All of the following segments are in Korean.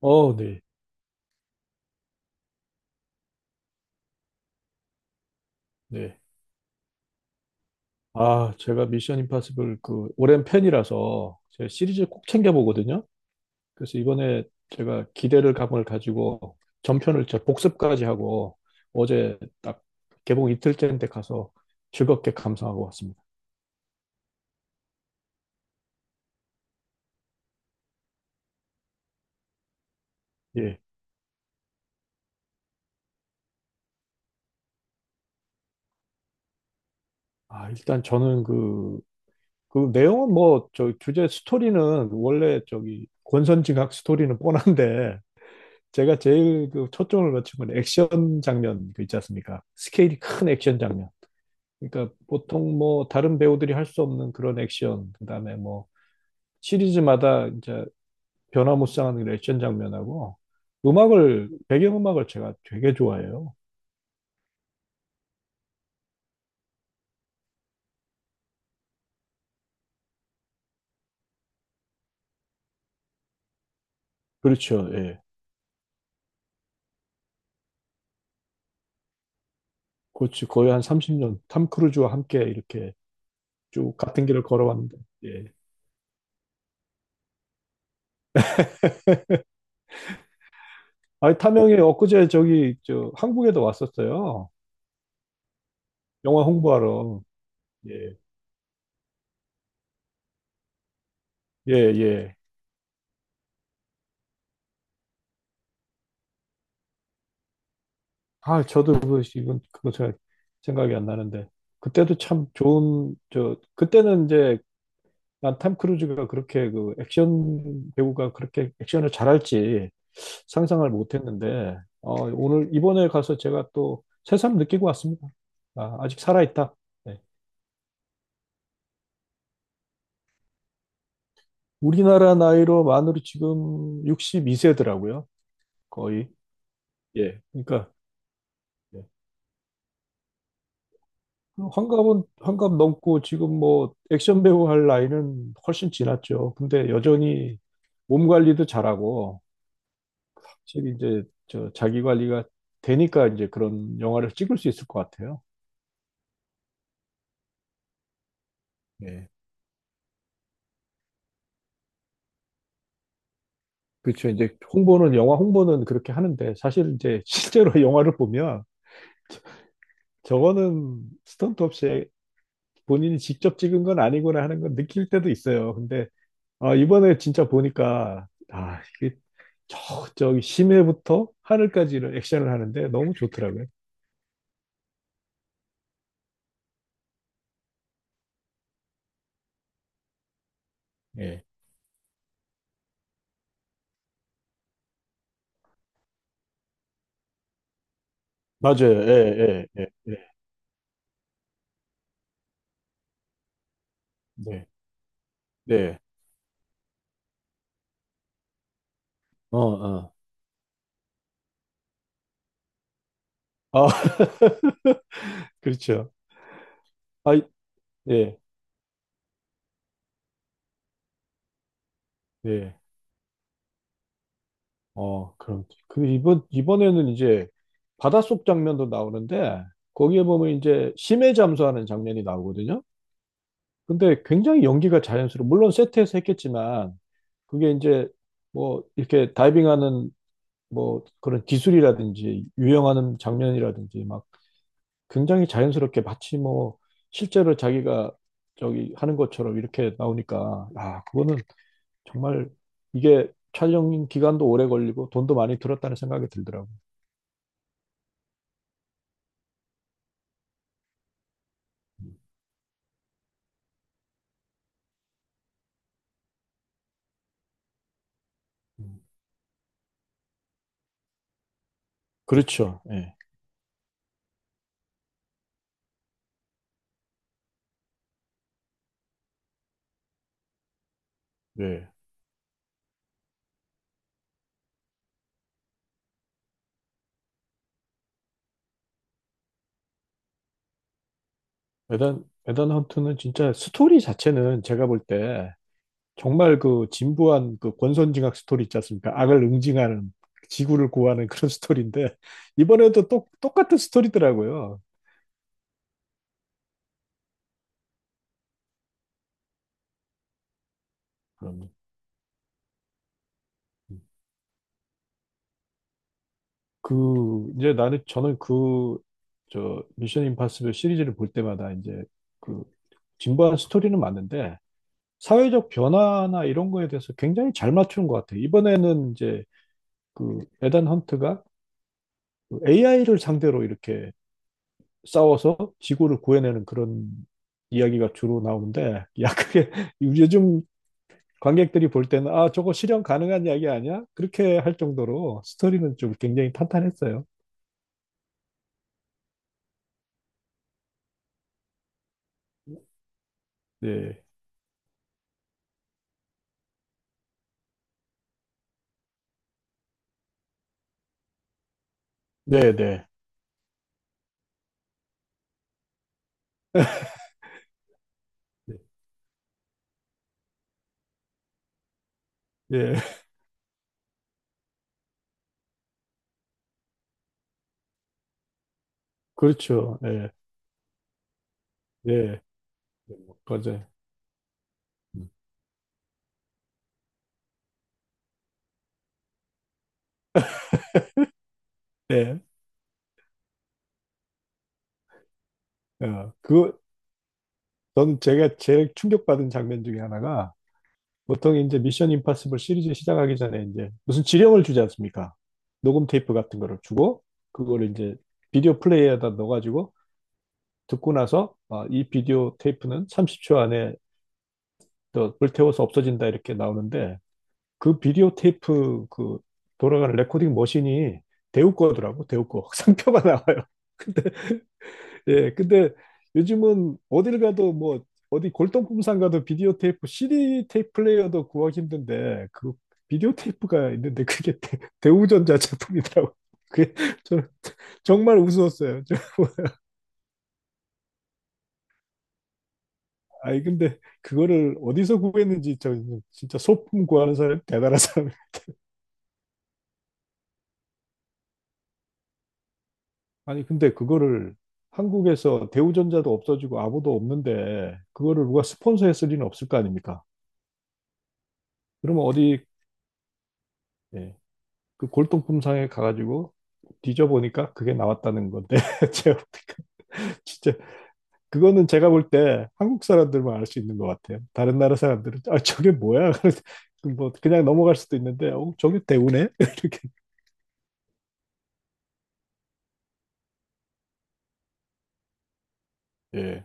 어, 네, 네. 아, 제가 미션 임파서블 그 오랜 팬이라서 제 시리즈 꼭 챙겨 보거든요. 그래서 이번에 제가 기대를 감을 가지고 전편을 제 복습까지 하고 어제 딱 개봉 이틀째인데 가서 즐겁게 감상하고 왔습니다. 예. 아, 일단 저는 그, 내용은 뭐, 저 주제 스토리는 원래 저기 권선징악 스토리는 뻔한데 제가 제일 그 초점을 맞춘 건 액션 장면, 그 있지 않습니까? 스케일이 큰 액션 장면. 그러니까 보통 뭐 다른 배우들이 할 수 없는 그런 액션, 그다음에 뭐 시리즈마다 이제 변화무쌍한 그런 액션 장면하고 음악을 배경음악을 제가 되게 좋아해요. 그렇죠. 예. 그렇지. 거의 한 30년 탐 크루즈와 함께 이렇게 쭉 같은 길을 걸어왔는데. 예. 아니 탐영이 엊그제 저기 저 한국에도 왔었어요. 영화 홍보하러. 예. 예, 예. 아, 저도 그 이건 그거 제가 생각이 안 나는데 그때도 참 좋은 저 그때는 이제 난 탐 크루즈가 그렇게 그 액션 배우가 그렇게 액션을 잘할지 상상을 못했는데 오늘 이번에 가서 제가 또 새삼 느끼고 왔습니다. 아, 아직 살아있다. 네. 우리나라 나이로 만으로 지금 62세더라고요. 거의. 예. 그러니까 예. 그 환갑은 환갑 넘고 지금 뭐 액션 배우 할 나이는 훨씬 지났죠. 근데 여전히 몸 관리도 잘하고 확실히 이제 저 자기 관리가 되니까 이제 그런 영화를 찍을 수 있을 것 같아요. 예. 그렇죠. 이제 홍보는 영화 홍보는 그렇게 하는데 사실 이제 실제로 영화를 보면 저거는 스턴트 없이 본인이 직접 찍은 건 아니구나 하는 건 느낄 때도 있어요. 근데 아, 이번에 진짜 보니까 아, 이게 저 저기 심해부터 하늘까지는 액션을 하는데 너무 좋더라고요. 예. 맞아요. 예, 예, 예, 예. 네. 네. 어, 어. 아, 그렇죠. 아, 예. 네. 어, 그럼. 그 이번에는 이제 바닷속 장면도 나오는데 거기에 보면 이제 심해 잠수하는 장면이 나오거든요. 근데 굉장히 연기가 자연스러워. 물론 세트에서 했겠지만 그게 이제 뭐 이렇게 다이빙하는 뭐 그런 기술이라든지 유영하는 장면이라든지 막 굉장히 자연스럽게 마치 뭐 실제로 자기가 저기 하는 것처럼 이렇게 나오니까 아, 그거는 정말 이게 촬영 기간도 오래 걸리고 돈도 많이 들었다는 생각이 들더라고요. 음. 그렇죠. 예. 예. 에단 헌트는 진짜 스토리 자체는 제가 볼 때 정말 그 진부한 그 권선징악 스토리 있지 않습니까? 악을 응징하는 지구를 구하는 그런 스토리인데 이번에도 똑같은 스토리더라고요. 음. 그 이제 나는 저는 그 저 미션 임파서블 시리즈를 볼 때마다 이제 그 진부한 스토리는 맞는데 사회적 변화나 이런 거에 대해서 굉장히 잘 맞추는 것 같아요. 이번에는 이제 그 에단 헌트가 AI를 상대로 이렇게 싸워서 지구를 구해내는 그런 이야기가 주로 나오는데, 야, 그게 요즘 관객들이 볼 때는 아, 저거 실현 가능한 이야기 아니야? 그렇게 할 정도로 스토리는 좀 굉장히 탄탄했어요. 네, 네, 네. 예, 그렇죠. 예, 예, 맞아요. 네, 어, 그, 전 제가 제일 충격받은 장면 중에 하나가 보통 이제 미션 임파서블 시리즈 시작하기 전에 이제 무슨 지령을 주지 않습니까? 녹음 테이프 같은 거를 주고 그거를 이제 비디오 플레이어에다 넣어가지고 듣고 나서 아, 이 비디오 테이프는 30초 안에 또 불태워서 없어진다 이렇게 나오는데 그 비디오 테이프 그 돌아가는 레코딩 머신이 데우 거더라고, 데우 거 상표가 나와요. 예, 근데 요즘은 어딜 가도 뭐 어디 골동품상 가도 비디오 테이프, CD 테이프 플레이어도 구하기 힘든데 그 비디오 테이프가 있는데 그게 대우전자 제품이더라고. 그게 저 정말 우스웠어요. 저, 아니 근데 그거를 어디서 구했는지 저 진짜 소품 구하는 사람 대단한 사람. 아니 근데 그거를 한국에서 대우전자도 없어지고 아무도 없는데 그거를 누가 스폰서했을 리는 없을 거 아닙니까? 그러면 어디 예, 그 골동품상에 가가지고 뒤져보니까 그게 나왔다는 건데 제가 보니까 진짜 그거는 제가 볼 때 한국 사람들만 알 수 있는 것 같아요. 다른 나라 사람들은 아, 저게 뭐야? 그래서 뭐 그냥 넘어갈 수도 있는데 어, 저게 대우네? 이렇게 예,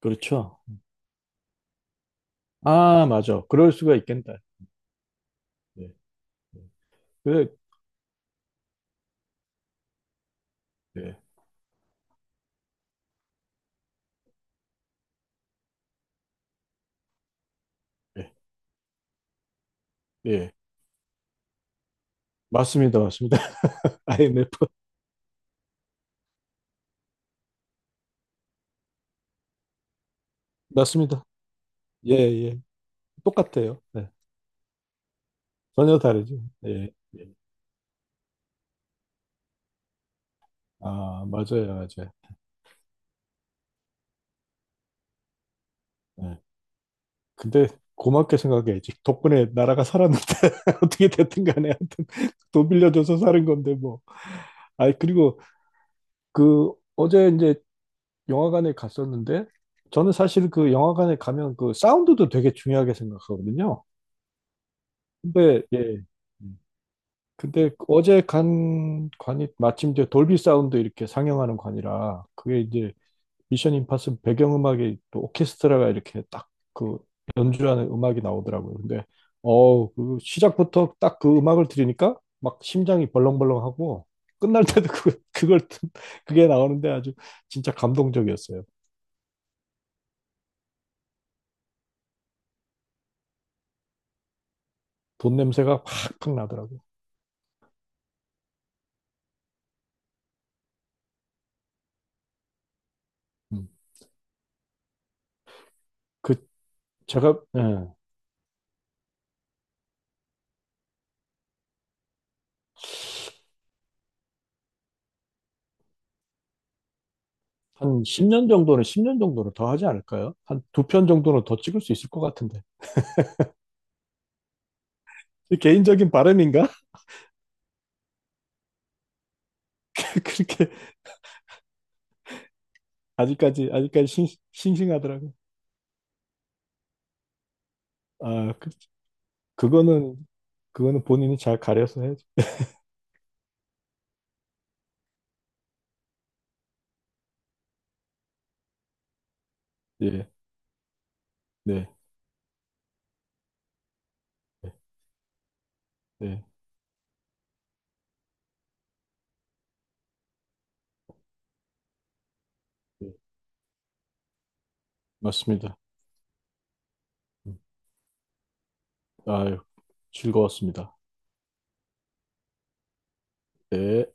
그렇죠. 아, 맞아, 그럴 수가 있겠다. 예. 예. 그래 예. 예. 예. 맞습니다, 맞습니다. IMF 맞습니다. 예, 예. 똑같아요. 네. 전혀 다르죠. 예. 예. 아, 맞아요, 맞아요. 예. 근데 고맙게 생각해야지. 덕분에 나라가 살았는데 어떻게 됐든 간에 하여튼 돈 빌려줘서 사는 건데 뭐. 아이, 그리고 그 어제 이제 영화관에 갔었는데 저는 사실 그 영화관에 가면 그 사운드도 되게 중요하게 생각하거든요. 근데 예. 근데 어제 간 관이 마침 이제 돌비 사운드 이렇게 상영하는 관이라 그게 이제 미션 임파서블 배경음악이 또 오케스트라가 이렇게 딱 그 연주하는 음악이 나오더라고요. 근데 어우 그 시작부터 딱 그 음악을 들으니까 막 심장이 벌렁벌렁하고 끝날 때도 그게 나오는데 아주 진짜 감동적이었어요. 돈 냄새가 팍팍 나더라고요. 음. 그 제가 예, 한 10년 정도는 10년 정도는 더 하지 않을까요? 한 두 편 정도는 더 찍을 수 있을 것 같은데. 개인적인 바람인가? 그렇게 아직까지 아직까지 싱, 싱하더라고요. 아, 그, 그거는 그거는 본인이 잘 가려서 해야죠. 예, 네, 네, 네, 네. 맞습니다. 음, 아유, 즐거웠습니다. 네.